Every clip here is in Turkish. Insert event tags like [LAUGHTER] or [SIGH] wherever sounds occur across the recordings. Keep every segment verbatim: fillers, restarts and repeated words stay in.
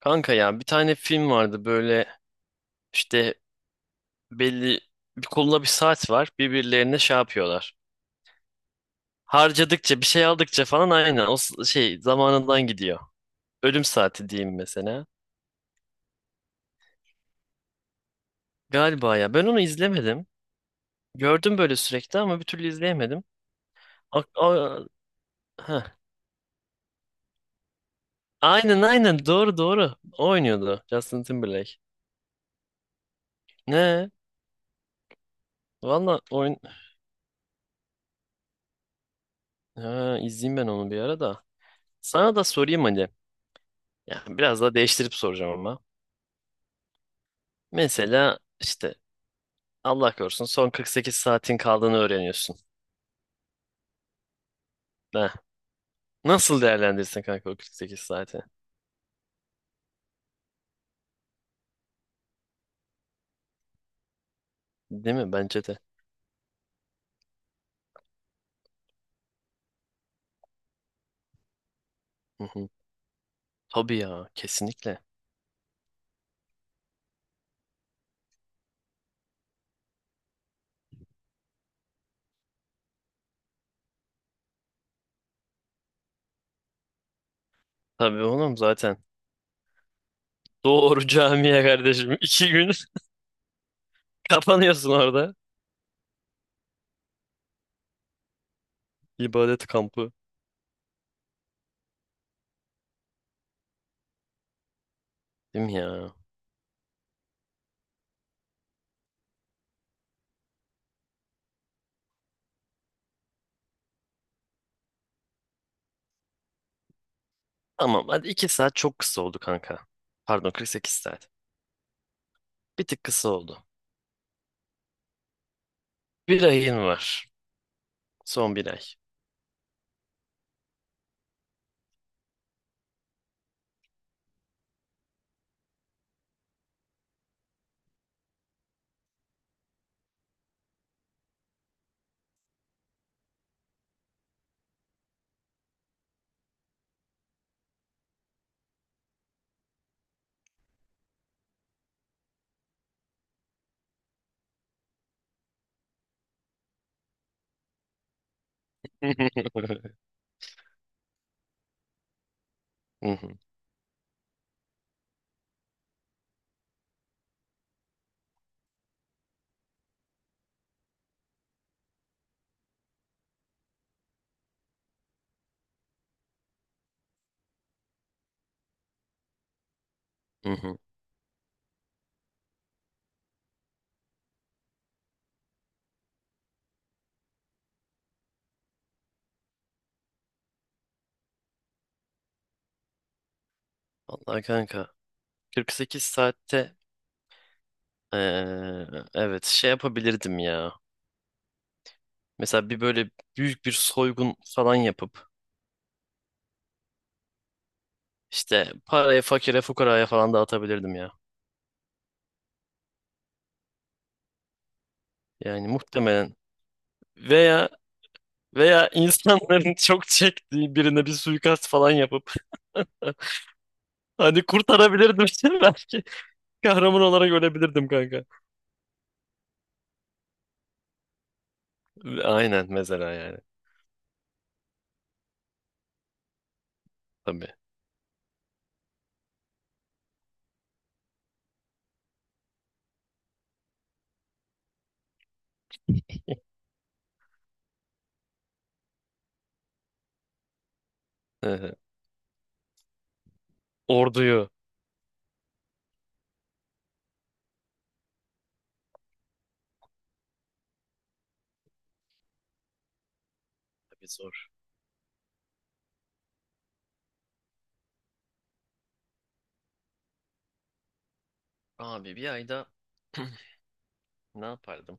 Kanka ya bir tane film vardı böyle işte belli bir koluna bir saat var birbirlerine şey yapıyorlar. Harcadıkça bir şey aldıkça falan aynen o s- şey zamanından gidiyor. Ölüm saati diyeyim mesela. Galiba ya ben onu izlemedim. Gördüm böyle sürekli ama bir türlü izleyemedim. A- a- heh. Aynen aynen doğru doğru. O oynuyordu Justin Timberlake. Ne? Valla oyun... Ha, izleyeyim ben onu bir ara da. Sana da sorayım hani. Ya, biraz daha değiştirip soracağım ama. Mesela işte Allah korusun son kırk sekiz saatin kaldığını öğreniyorsun. Ha, nasıl değerlendirirsin kanka o kırk sekiz saati? Değil mi? Bence de. Hı hı. Tabii ya kesinlikle. Tabii oğlum zaten. Doğru [LAUGHS] camiye kardeşim. İki gün [LAUGHS] kapanıyorsun orada. İbadet kampı. Değil mi ya? Tamam hadi iki saat çok kısa oldu kanka. Pardon kırk sekiz saat. Bir tık kısa oldu. Bir ayın var. Son bir ay. [LAUGHS] Hı hı, hı hı. Vallahi kanka kırk sekiz saatte Ee, evet şey yapabilirdim ya. Mesela bir böyle büyük bir soygun falan yapıp işte parayı fakire fukaraya falan dağıtabilirdim ya. Yani muhtemelen veya veya insanların [LAUGHS] çok çektiği birine bir suikast falan yapıp [LAUGHS] hani kurtarabilirdim [LAUGHS] belki. Kahraman olarak ölebilirdim kanka. Aynen mesela yani tabii. Hı-hı. Orduyu. Tabii zor. Abi bir ayda [CLEARS THROAT] ne yapardım?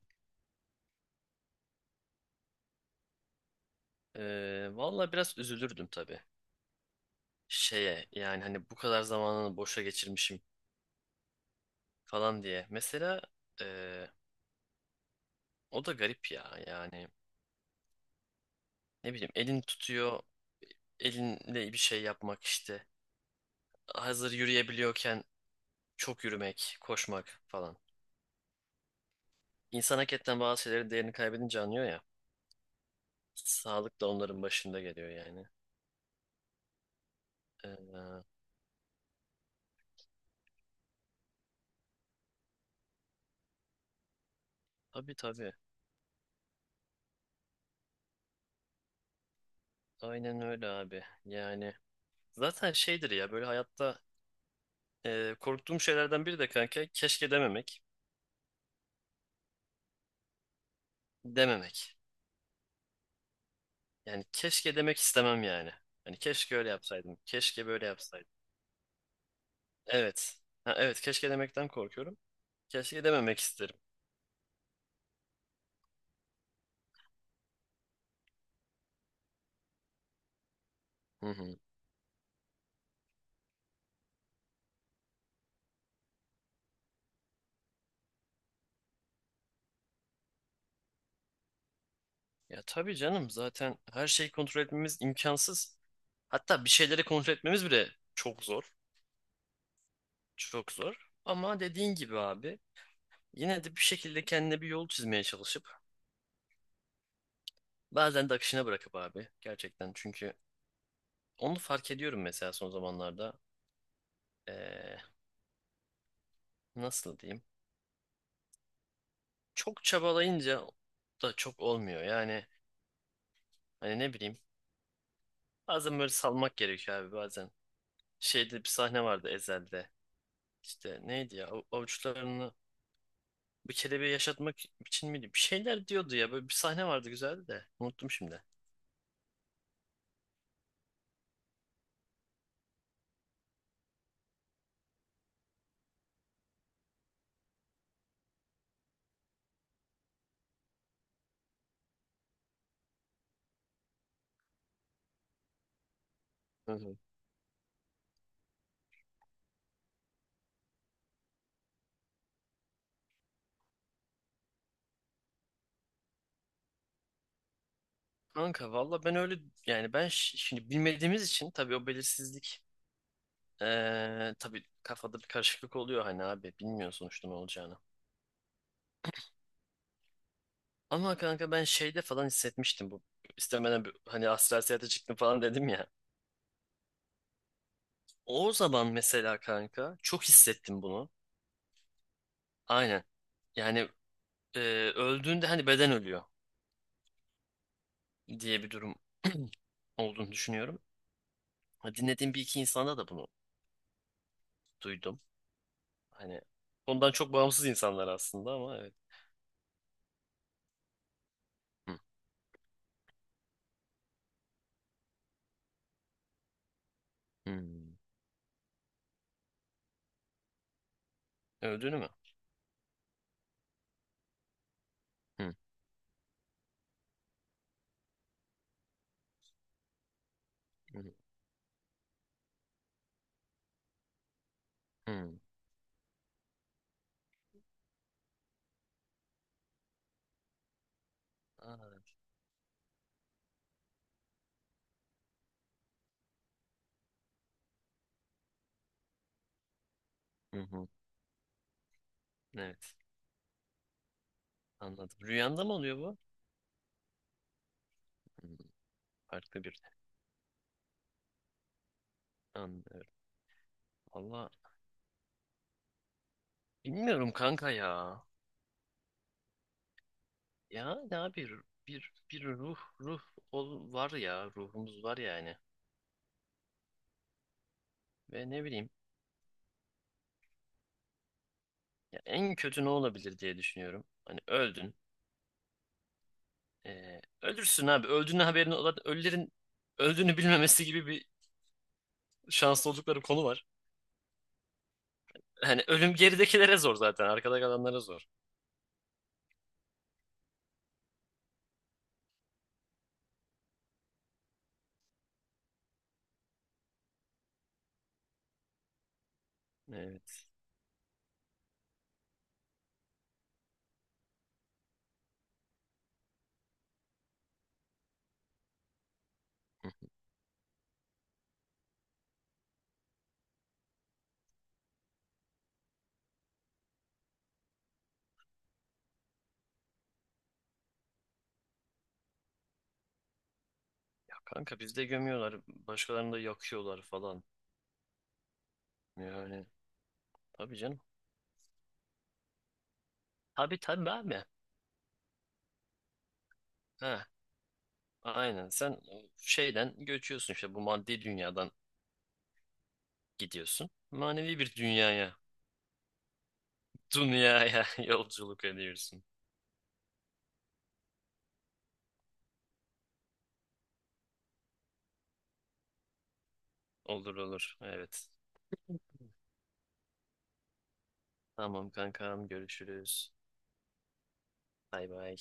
Ee, valla biraz üzülürdüm tabii. Şeye yani hani bu kadar zamanını boşa geçirmişim falan diye. Mesela e, o da garip ya yani ne bileyim elin tutuyor elinle bir şey yapmak işte. Hazır yürüyebiliyorken çok yürümek, koşmak falan. İnsan hakikaten bazı şeylerin değerini kaybedince anlıyor ya. Sağlık da onların başında geliyor yani. E, tabii tabii. Aynen öyle abi. Yani zaten şeydir ya böyle hayatta e, korktuğum şeylerden biri de kanka keşke dememek, dememek. Yani keşke demek istemem yani. Hani keşke öyle yapsaydım. Keşke böyle yapsaydım. Evet. Ha, evet keşke demekten korkuyorum. Keşke dememek isterim. Hı hı. Ya tabii canım zaten her şeyi kontrol etmemiz imkansız. Hatta bir şeyleri kontrol etmemiz bile çok zor. Çok zor. Ama dediğin gibi abi yine de bir şekilde kendine bir yol çizmeye çalışıp bazen de akışına bırakıp abi gerçekten çünkü onu fark ediyorum mesela son zamanlarda. Ee, Nasıl diyeyim? Çok çabalayınca da çok olmuyor. Yani hani ne bileyim. Bazen böyle salmak gerekiyor abi bazen. Şeyde bir sahne vardı Ezel'de. İşte neydi ya av- avuçlarını bir kelebeği yaşatmak için miydi? Bir şeyler diyordu ya böyle bir sahne vardı güzeldi de. Unuttum şimdi. Hı hı. Kanka valla ben öyle yani ben ş- şimdi bilmediğimiz için tabii o belirsizlik eee tabii kafada bir karışıklık oluyor hani abi bilmiyor sonuçta ne olacağını. Ama kanka ben şeyde falan hissetmiştim bu istemeden bir- hani astral seyahate çıktım falan dedim ya. O zaman mesela kanka çok hissettim bunu. Aynen. Yani e, öldüğünde hani beden ölüyor diye bir durum olduğunu düşünüyorum. Ha, dinlediğim bir iki insanda da bunu duydum. Hani ondan çok bağımsız insanlar aslında ama evet. Hı, hı. Öldüğünü mü? Hı, hı, hı. Aa, hı, hı. Evet. Anladım. Rüyanda mı oluyor bu? Hı, farklı bir. Anlıyorum. Valla bilmiyorum kanka ya. Ya ne bir bir bir ruh ruh ol, var ya ruhumuz var yani. Ve ne bileyim. Ya en kötü ne olabilir diye düşünüyorum. Hani öldün. Ee, ölürsün abi. Öldüğünün haberini olan ölülerin öldüğünü bilmemesi gibi bir şanslı oldukları konu var. Hani ölüm geridekilere zor zaten. Arkada kalanlara zor. Evet. Hı. Ya kanka bizde gömüyorlar. Başkalarını da yakıyorlar falan. Yani tabii canım. Tabii tabii abi. Ha, aynen. Sen şeyden göçüyorsun işte bu maddi dünyadan gidiyorsun. Manevi bir dünyaya. Dünyaya [LAUGHS] yolculuk ediyorsun. Olur olur. Evet. Tamam kankam görüşürüz. Bay bay.